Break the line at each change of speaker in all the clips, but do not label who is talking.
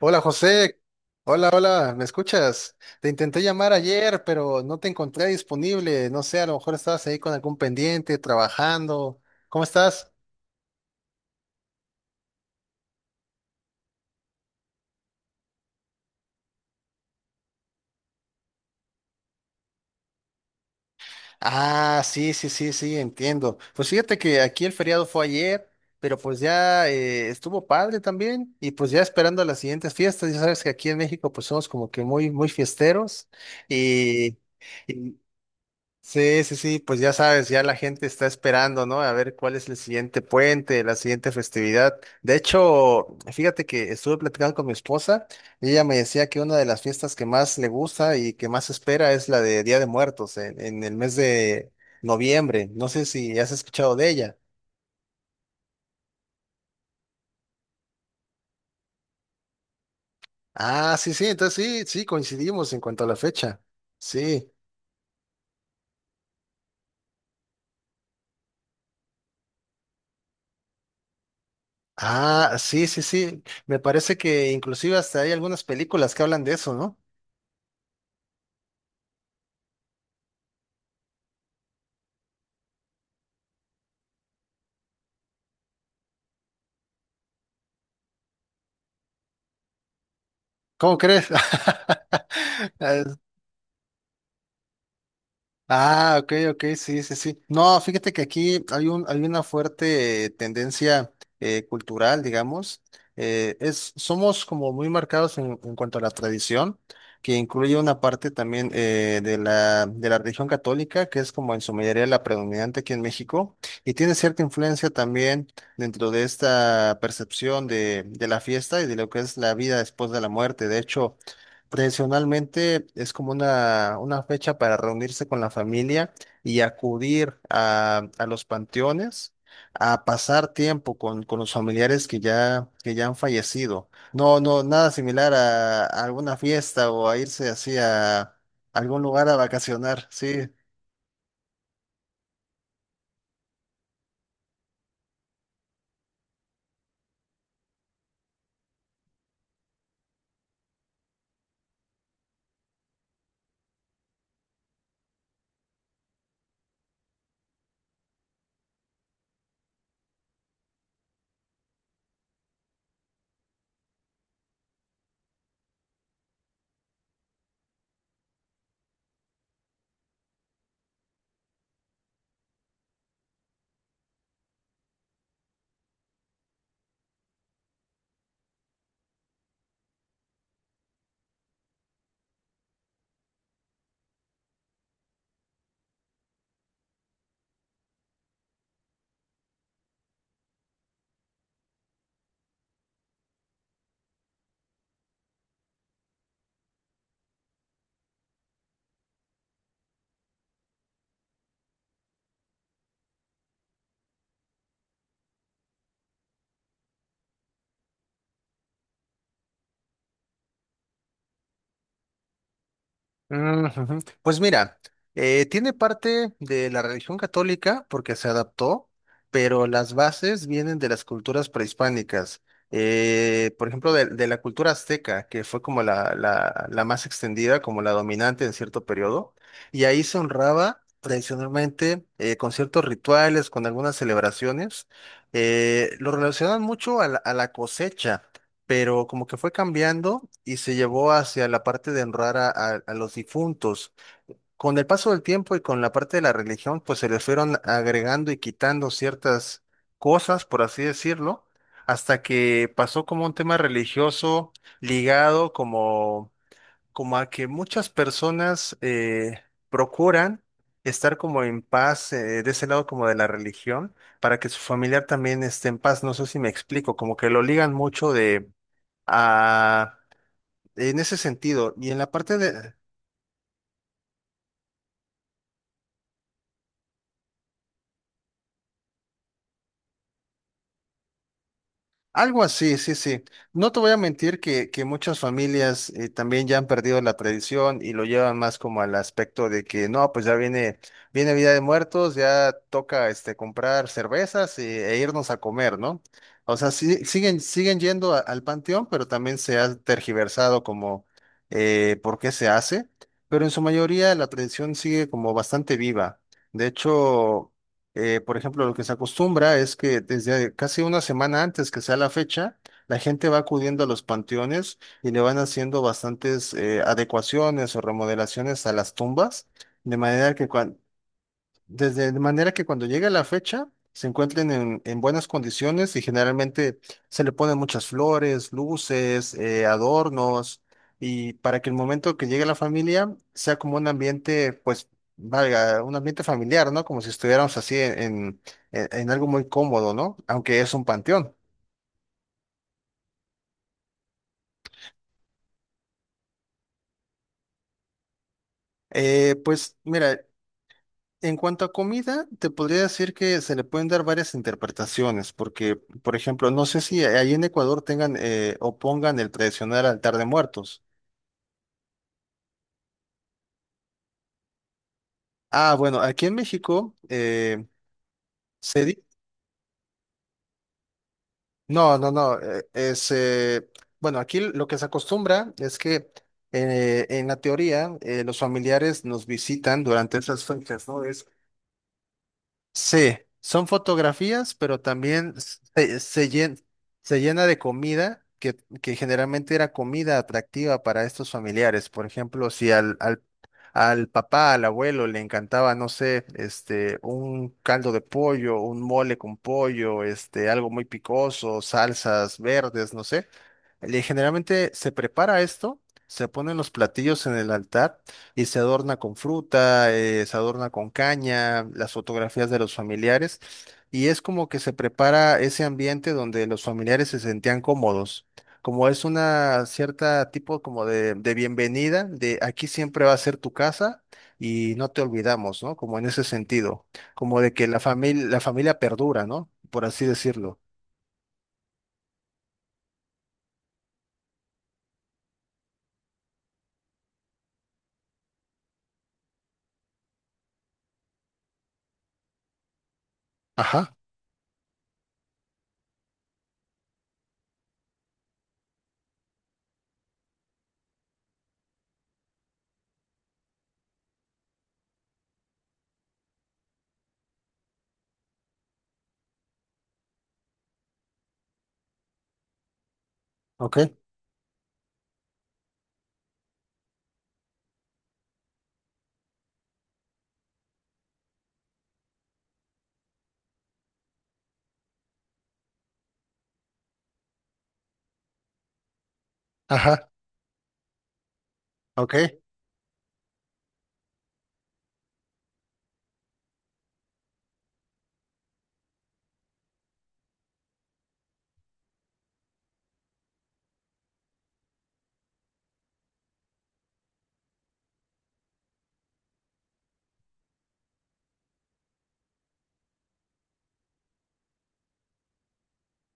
Hola José, hola, hola, ¿me escuchas? Te intenté llamar ayer, pero no te encontré disponible. No sé, a lo mejor estabas ahí con algún pendiente, trabajando. ¿Cómo estás? Ah, sí, sí, sí, sí, entiendo. Pues fíjate que aquí el feriado fue ayer, pero pues ya estuvo padre también y pues ya esperando las siguientes fiestas. Ya sabes que aquí en México pues somos como que muy, muy fiesteros y... y- Sí, sí, sí, pues ya sabes, ya la gente está esperando, ¿no? A ver cuál es el siguiente puente, la siguiente festividad. De hecho, fíjate que estuve platicando con mi esposa y ella me decía que una de las fiestas que más le gusta y que más espera es la de Día de Muertos en el mes de noviembre. No sé si has escuchado de ella. Ah, sí, sí, entonces sí, sí, coincidimos en cuanto a la fecha. Sí. Ah, sí, sí, sí. Me parece que inclusive hasta hay algunas películas que hablan de eso, ¿no? ¿Cómo crees? Es- Ah, ok, ok, sí, sí, sí. No, fíjate que aquí hay un, hay una fuerte tendencia cultural, digamos. Es, somos como muy marcados en cuanto a la tradición, que incluye una parte también de la religión católica, que es como en su mayoría la predominante aquí en México, y tiene cierta influencia también dentro de esta percepción de la fiesta y de lo que es la vida después de la muerte. De hecho, tradicionalmente es como una fecha para reunirse con la familia y acudir a los panteones a pasar tiempo con los familiares que ya han fallecido. No, no, nada similar a alguna fiesta o a irse así a algún lugar a vacacionar, sí. Mm, ujú. Pues mira, tiene parte de la religión católica porque se adaptó, pero las bases vienen de las culturas prehispánicas. Por ejemplo, de la cultura azteca, que fue como la más extendida, como la dominante en cierto periodo, y ahí se honraba tradicionalmente con ciertos rituales, con algunas celebraciones. Lo relacionan mucho a la cosecha, pero como que fue cambiando y se llevó hacia la parte de honrar a los difuntos. Con el paso del tiempo y con la parte de la religión, pues se les fueron agregando y quitando ciertas cosas, por así decirlo, hasta que pasó como un tema religioso ligado como, como a que muchas personas procuran estar como en paz de ese lado como de la religión para que su familiar también esté en paz. No sé si me explico, como que lo ligan mucho de... Ah, en ese sentido, y en la parte de algo así, sí, sí. No te voy a mentir que muchas familias también ya han perdido la tradición y lo llevan más como al aspecto de que no, pues ya viene, viene Vida de Muertos, ya toca este comprar cervezas e, e irnos a comer, ¿no? O sea, siguen, siguen yendo al panteón, pero también se ha tergiversado como por qué se hace, pero en su mayoría la tradición sigue como bastante viva. De hecho, por ejemplo, lo que se acostumbra es que desde casi una semana antes que sea la fecha, la gente va acudiendo a los panteones y le van haciendo bastantes adecuaciones o remodelaciones a las tumbas, de manera que desde de manera que cuando llegue la fecha se encuentren en buenas condiciones y generalmente se le ponen muchas flores, luces, adornos y para que el momento que llegue la familia sea como un ambiente, pues, valga, un ambiente familiar, ¿no? Como si estuviéramos así en, en algo muy cómodo, ¿no? Aunque es un panteón. Pues mira, en cuanto a comida, te podría decir que se le pueden dar varias interpretaciones, porque, por ejemplo, no sé si ahí en Ecuador tengan o pongan el tradicional altar de muertos. Ah, bueno, aquí en México se di- no, no, no. Bueno, aquí lo que se acostumbra es que en la teoría los familiares nos visitan durante esas fechas, ¿no? Sí, son fotografías, pero también se, se llen- se llena de comida que generalmente era comida atractiva para estos familiares. Por ejemplo, si al papá, al abuelo le encantaba, no sé, este, un caldo de pollo, un mole con pollo, este, algo muy picoso, salsas verdes, no sé. Generalmente se prepara esto, se ponen los platillos en el altar y se adorna con fruta, se adorna con caña, las fotografías de los familiares. Y es como que se prepara ese ambiente donde los familiares se sentían cómodos. Como es una cierta tipo como de bienvenida, de aquí siempre va a ser tu casa y no te olvidamos, ¿no? Como en ese sentido, como de que la familia perdura, ¿no? Por así decirlo. Ajá, ok, ajá, ok,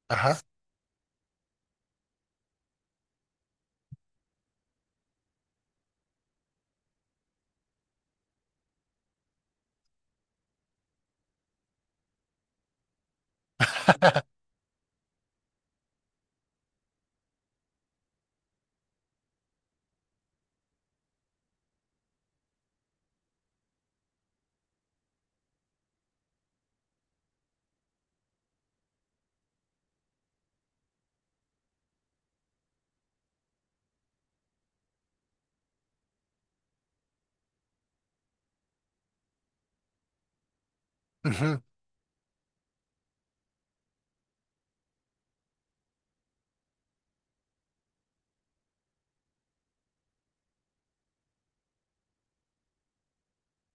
ajá, ujú,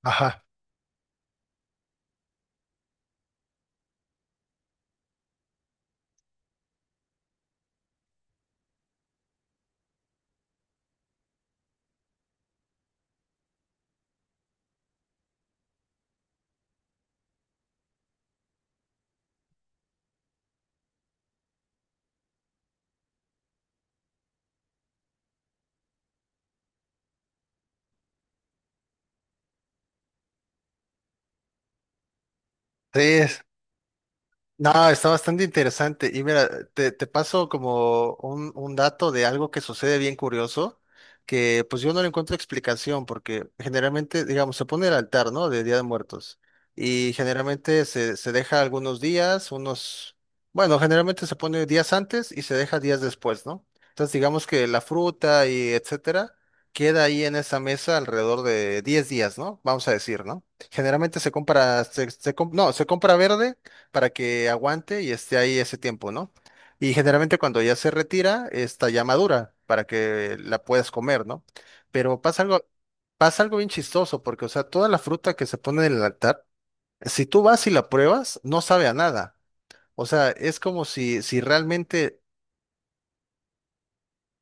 ajá. Sí, no, está bastante interesante. Y mira, te paso como un dato de algo que sucede bien curioso, que pues yo no le encuentro explicación, porque generalmente, digamos, se pone el altar, ¿no? De Día de Muertos. Y generalmente se deja algunos días, unos, bueno, generalmente se pone días antes y se deja días después, ¿no? Entonces, digamos que la fruta y etcétera queda ahí en esa mesa alrededor de 10 días, ¿no? Vamos a decir, ¿no? Generalmente se compra, no, se compra verde para que aguante y esté ahí ese tiempo, ¿no? Y generalmente cuando ya se retira, está ya madura para que la puedas comer, ¿no? Pero pasa algo bien chistoso, porque, o sea, toda la fruta que se pone en el altar, si tú vas y la pruebas, no sabe a nada. O sea, es como si, si realmente,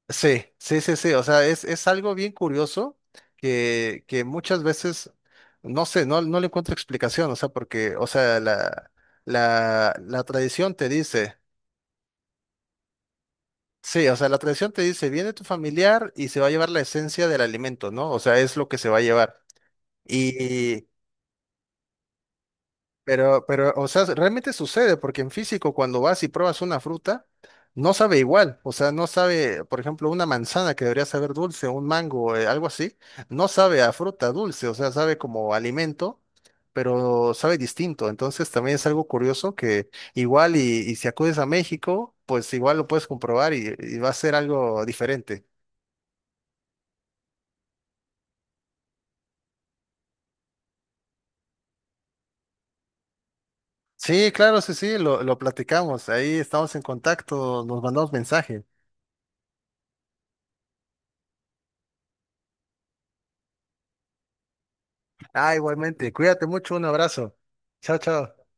sí, sí, sí, sí, o sea, es algo bien curioso que muchas veces, no sé, no, no le encuentro explicación, o sea, porque, o sea, la tradición te dice... Sí, o sea, la tradición te dice, viene tu familiar y se va a llevar la esencia del alimento, ¿no? O sea, es lo que se va a llevar. Y, pero, o sea, realmente sucede, porque en físico, cuando vas y pruebas una fruta, no sabe igual. O sea, no sabe, por ejemplo, una manzana que debería saber dulce, un mango, algo así, no sabe a fruta dulce, o sea, sabe como alimento, pero sabe distinto. Entonces, también es algo curioso que igual y si acudes a México, pues igual lo puedes comprobar y va a ser algo diferente. Sí, claro, sí, sí, lo platicamos. Ahí estamos en contacto, nos mandamos mensaje. Ah, igualmente, cuídate mucho, un abrazo. Chao, chao.